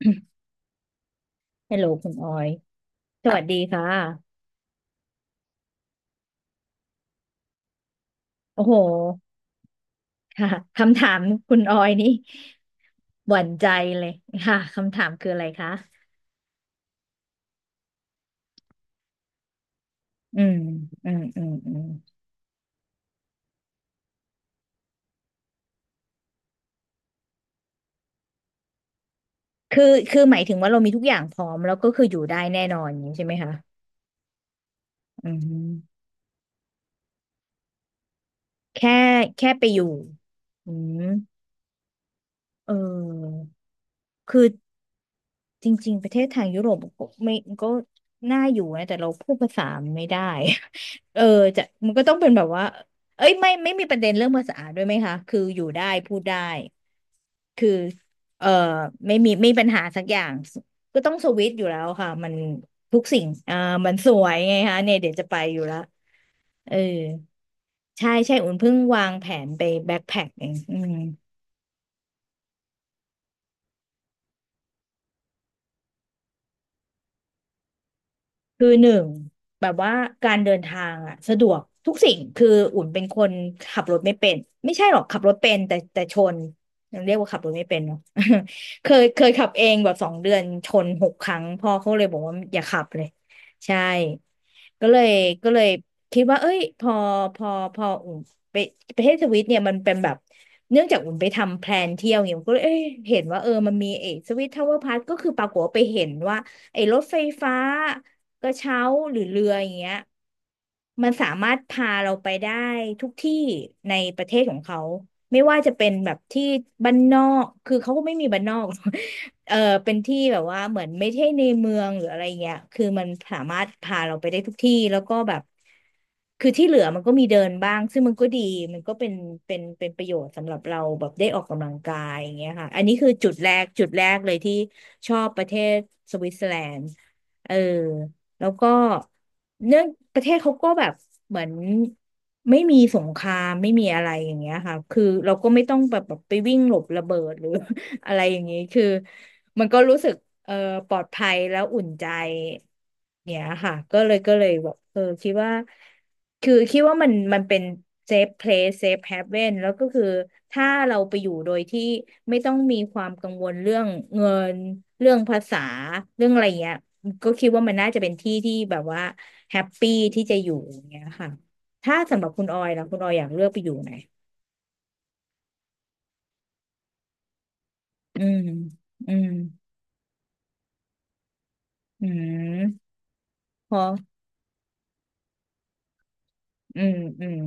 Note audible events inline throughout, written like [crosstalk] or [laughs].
[coughs] ฮัลโหลคุณออยสวัสดีค่ะโอ้โห [laughs] ค่ะ คำถามคุณออยนี่ [laughs] หวั่นใจเลย [laughs] ค่ะ คำถามคืออะไรคะอืมอืมอืมอืมคือ คือหมายถึงว่าเรามีทุกอย่างพร้อมแล้วก็คืออยู่ได้แน่นอนอย่างนี้ใช่ไหมคะอืมแค่แค่ไปอยู่อืมเออคือ จริงๆประเทศทางยุโรปก็ไม่ก็น่าอยู่นะแต่เราพูดภาษาไม่ได้ [laughs] เออจะมันก็ต้องเป็นแบบว่าเอ้ยไม่มีประเด็นเรื่องภาษาด้วยไหมคะคืออยู่ได้พูดได้คือเออไม่มีปัญหาสักอย่างก็ต้องสวิตช์อยู่แล้วค่ะมันทุกสิ่งอ่ามันสวยไงคะเนี่ยเดี๋ยวจะไปอยู่ละเออใช่ใช่อุ่นเพิ่งวางแผนไปแบ็คแพ็คเองอืม คือหนึ่งแบบว่าการเดินทางอ่ะสะดวกทุกสิ่งคืออุ่นเป็นคนขับรถไม่เป็นไม่ใช่หรอกขับรถเป็นแต่ชนยังเรียกว่าขับรถไม่เป็นเนาะ [laughs] เคยขับเองแบบสองเดือนชนหกครั้งพ่อเขาเลยบอกว่าอย่าขับเลยใช่ก็เลยก็เลยคิดว่าเอ้ยพอพออุ่นไปประเทศสวิตเนี่ยมันเป็นแบบเนื่องจากอุ่นไปทำแพลนเที่ยวเนี่ยอุ่นก็เลยเอ้ยเห็นว่าเออมันมีเอสวิตทาวเวอร์พาร์ก็คือปรากฏว่าไปเห็นว่า ไอ้รถไฟฟ้ากระเช้าหรือเรืออย่างเงี้ยมันสามารถพาเราไปได้ทุกที่ในประเทศของเขาไม่ว่าจะเป็นแบบที่บ้านนอกคือเขาก็ไม่มีบ้านนอก [laughs] เออเป็นที่แบบว่าเหมือนไม่ใช่ในเมืองหรืออะไรเงี้ยคือมันสามารถพาเราไปได้ทุกที่แล้วก็แบบคือที่เหลือมันก็มีเดินบ้างซึ่งมันก็ดีมันก็เป็นประโยชน์สำหรับเราแบบได้ออกกำลังกายอย่างเงี้ยค่ะอันนี้คือจุดแรกเลยที่ชอบประเทศสวิตเซอร์แลนด์เออแล้วก็เนื่องประเทศเขาก็แบบเหมือนไม่มีสงครามไม่มีอะไรอย่างเงี้ยค่ะคือเราก็ไม่ต้องแบบไปวิ่งหลบระเบิดหรือ อะไรอย่างนี้คือมันก็รู้สึกเออปลอดภัยแล้วอุ่นใจเนี่ยค่ะก็เลยแบบเออคิดว่าคือคิดว่ามันเป็น safe place safe haven แล้วก็คือถ้าเราไปอยู่โดยที่ไม่ต้องมีความกังวลเรื่องเงินเรื่องภาษาเรื่องอะไรเงี้ยก็คิดว่ามันน่าจะเป็นที่ที่แบบว่าแฮปปี้ที่จะอยู่อย่างเงี้ยค่ะถ้าสำหรับคุณออยล่ะคุณออยอยากเลือกไปอยู่ไหนอืมอืมอืมพอ อืมอืม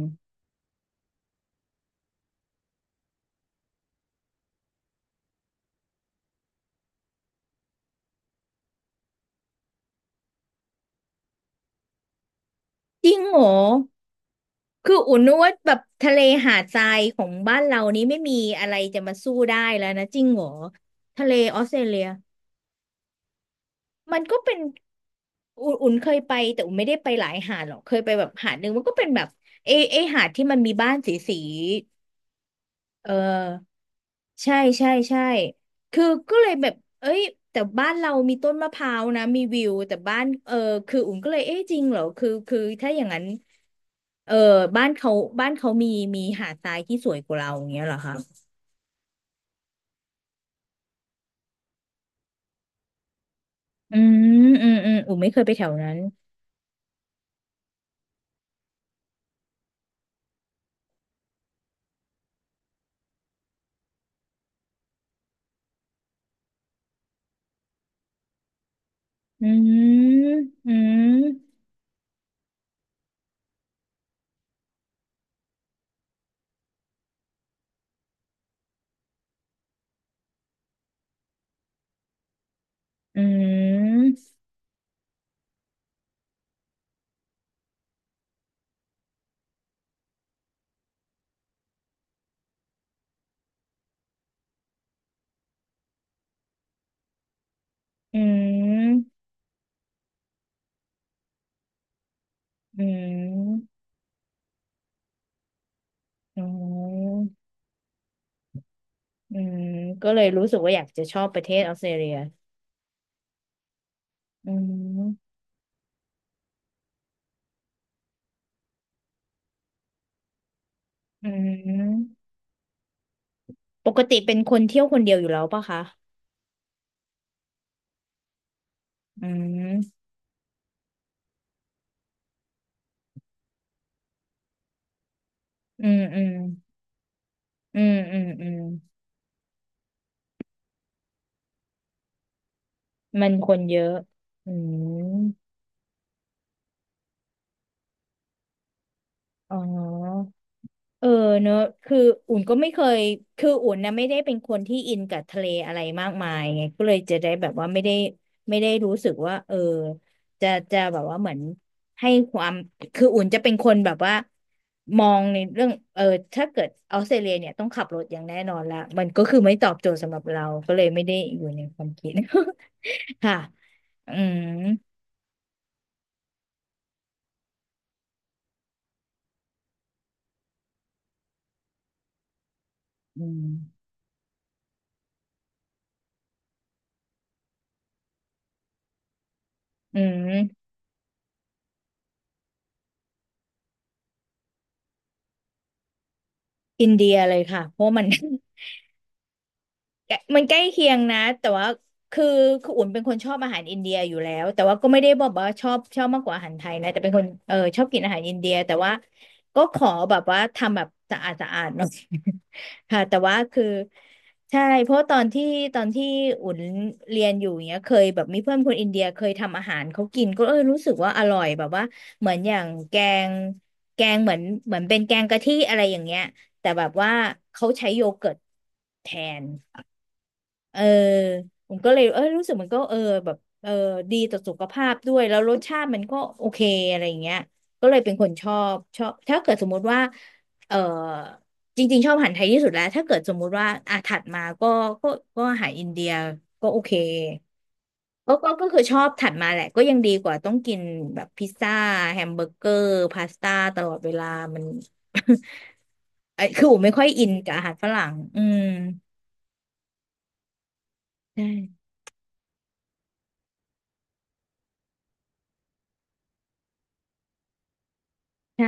จริงเหรอคืออุ่นนึกว่าแบบทะเลหาดทรายของบ้านเรานี้ไม่มีอะไรจะมาสู้ได้แล้วนะจริงเหรอทะเลออสเตรเลียมันก็เป็นอุ่นเคยไปแต่อุ่นไม่ได้ไปหลายหาดหรอกเคยไปแบบหาดหนึ่งมันก็เป็นแบบเอหาดที่มันมีบ้านสีสีเออใช่ใช่ใช่คือก็เลยแบบเอ้ยแต่บ้านเรามีต้นมะพร้าวนะมีวิวแต่บ้านเออคืออุ่นก็เลยเอ๊ะจริงเหรอคือถ้าอย่างนั้น เออบ้านเขาบ้านเขามีหาดทรายที่สวยกว่าเราอย่างเงี้ยเหรอคะอืมอูไม่เคยไปแถวนั้นอืมอืมอืมอืมอืมอืมอืมก็เลยรู้สึกว่าอยากจะชอบประเทศออสเตรเลียอืมอืมปกติเป็นคนเที่ยวคนเดียวอยู่แล้วปะคะอืมอืมอืมอืมอืมอืมมันคนเยอะอืมอ๋อ เออเนอะคืออุ่นก็ไม่เคย คืออุ่นนะไม่ได้เป็นคนที่อินกับทะเลอะไรมากมายไงก็เลยจะได้แบบว่าไม่ได้ไม่ได้รู้สึกว่าเออจะแบบว่าเหมือนให้ความคืออุ่นจะเป็นคนแบบว่ามองในเรื่องเออถ้าเกิดออสเตรเลียเนี่ยต้องขับรถอย่างแน่นอนละมันก็คือไม่ตอบโจทย์สำหรับเรา ก็เลยไม่ได้อยู่ในความคิด [laughs] ค่ะอืมอืมอืมอินเดียเลยค่ะเพราะมัน [laughs] แกะมันใกล้เคียงนะแต่ว่าคือคืออุ่นเป็นคนชอบอาหารอินเดียอยู่แล้วแต่ว่าก็ไม่ได้บอกว่าชอบมากกว่าอาหารไทยนะแต่เป็นคนเออชอบกินอาหารอินเดียแต่ว่าก็ขอแบบว่าทำแบบสะอาดสะอาดหน่อย [laughs] ค่ะแต่ว่าคือใช่เพราะตอนที่อุ่นเรียนอยู่เนี้ยเคยแบบมีเพื่อนคนอินเดียเคยทำอาหารเขากินก็เออรู้สึกว่าอร่อยแบบว่าเหมือนอย่างงแกงเหมือนเป็นแกงกะทิอะไรอย่างเงี้ยแต่แบบว่าเขาใช้โยเกิร์ตแทน เออผมก็เลยเออรู้สึกมันก็เออแบบเออดีต่อสุขภาพด้วยแล้วรสชาติมันก็โอเคอะไรอย่างเงี้ยก็เลยเป็นคนชอบถ้าเกิดสมมุติว่าเออจริงๆชอบอาหารไทยที่สุดแล้วถ้าเกิดสมมุติว่าอ่ะถัดมาก็ก็ก็อาหารอินเดียก็โอเคก็คือชอบถัดมาแหละก็ยังดีกว่าต้องกินแบบพิซซ่าแฮมเบอร์เกอร์พาสต้าตลอดเวลามัน [laughs] ไอ้คือผมไม่ค่อยอินกับอาหารฝรั่งอืมใช่ใช่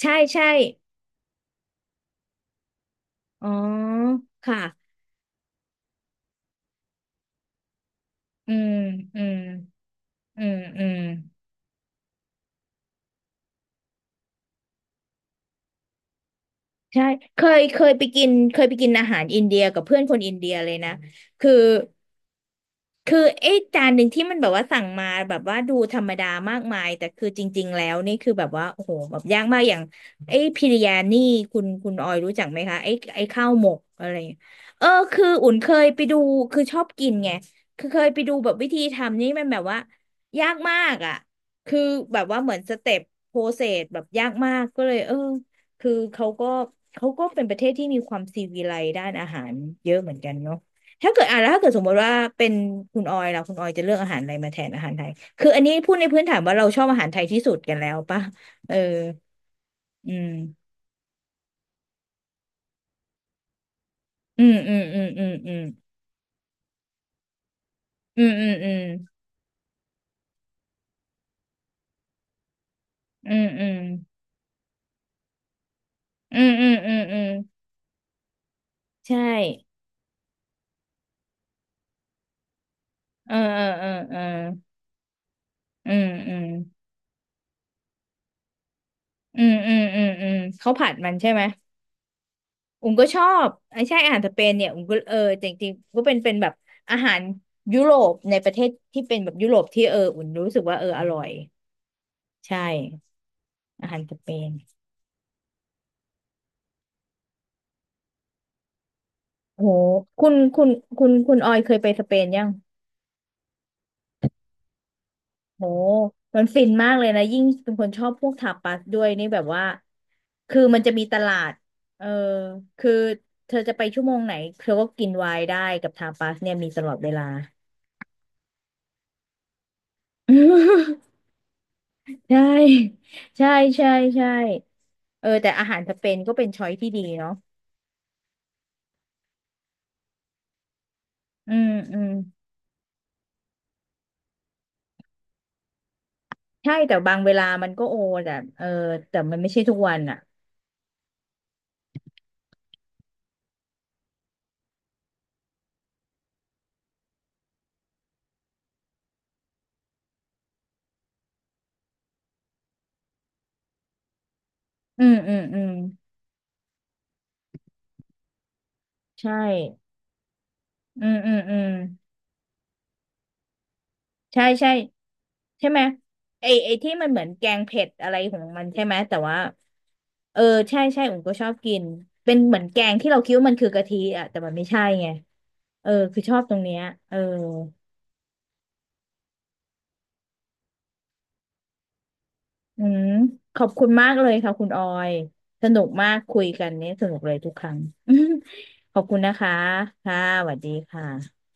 ใช่ใช่ อ๋อ ค่ะอืมอืม อืม อืม ใช่ เคยไปกินเคยไปกินอาหารอินเดียกับเพื่อนคนอินเดียเลยนะ คือ คือไอ้จานหนึ่งที่มันแบบว่าสั่งมาแบบว่าดูธรรมดามากมายแต่คือจริงๆแล้วนี่คือแบบว่าโอ้โหแบบยากมากอย่างไอ้พิริยานี่คุณออยรู้จักไหมคะไอ้ข้าวหมกอะไรอย่างเงี้ยเออคืออุ่นเคยไปดูคือชอบกินไงคือเคยไปดูแบบวิธีทำนี่มันแบบว่ายากมากอ่ะคือแบบว่าเหมือนสเต็ปโปรเซสแบบยากมากก็เลยเออคือเขาก็เป็นประเทศที่มีความซีวิไลซ์ด้านอาหารเยอะเหมือนกันเนาะ ถ้าเกิดอ่ะแล้วถ้าเกิดสมมติว่าเป็นคุณออยล่ะคุณออยจะเลือกอาหารอะไรมาแทนอาหารไทยคืออันนี้พูดในพื้นฐานว่าเราชอบอาหารไทยที่สุดกันแล้วป่ะเอออืมอืมอืมอืมอืมอืมอืมอืมอืมอืมอืมอืมอืมอืมอืมใช่เออเออเออเอออืมอืมอืมอืมอืมอืมเขาผัดมันใช่ไหมอุ้มก็ชอบไอ้ใช่อาหารสเปนเนี่ยอุ้มก็เออจริงๆรก็เป็นแบบอาหารยุโรปในประเทศที่เป็นแบบยุโรปที่เอออุ่นรู้สึกว่าเอออร่อยใช่ อาหารสเปนโหคุณคุณคุณออยเคยไปสเปนยังโหมันฟินมากเลยนะ ยิ่งเป็นคนชอบพวกทาปาสด้วยนี่แบบว่า คือมันจะมีตลาดเออคือเธอจะไปชั่วโมงไหนเธอก็กินไวน์ได้กับทาปาสเนี่ยมีตลอดเวลา [laughs] ใช่ ใช่ใช่ใช่เออแต่อาหารสเปนก็เป็นช้อยที่ดีเนาะอืมอืมใช่แต่บางเวลามันก็โอแต่เออแต่มันไม่ใช่ทุกวันอ่ะอืมอืมอืมใช่ อืมอืมอืมใช่ใช่ใช่ไหมไอที่มันเหมือนแกงเผ็ดอะไรของมันใช่ไหมแต่ว่าเออใช่ใช่ผมก็ชอบกินเป็นเหมือนแกงที่เราคิดว่ามันคือกะทิอ่ะแต่มันไม่ใช่ไงเออคือชอบตรงเนี้ยเอออืมขอบคุณมากเลยค่ะคุณออยสนุกมากคุยกันเนี่ยสนุกเลยทุกครั้ง [laughs] ขอบคุณนะคะค่ะสวัสดีค่ะ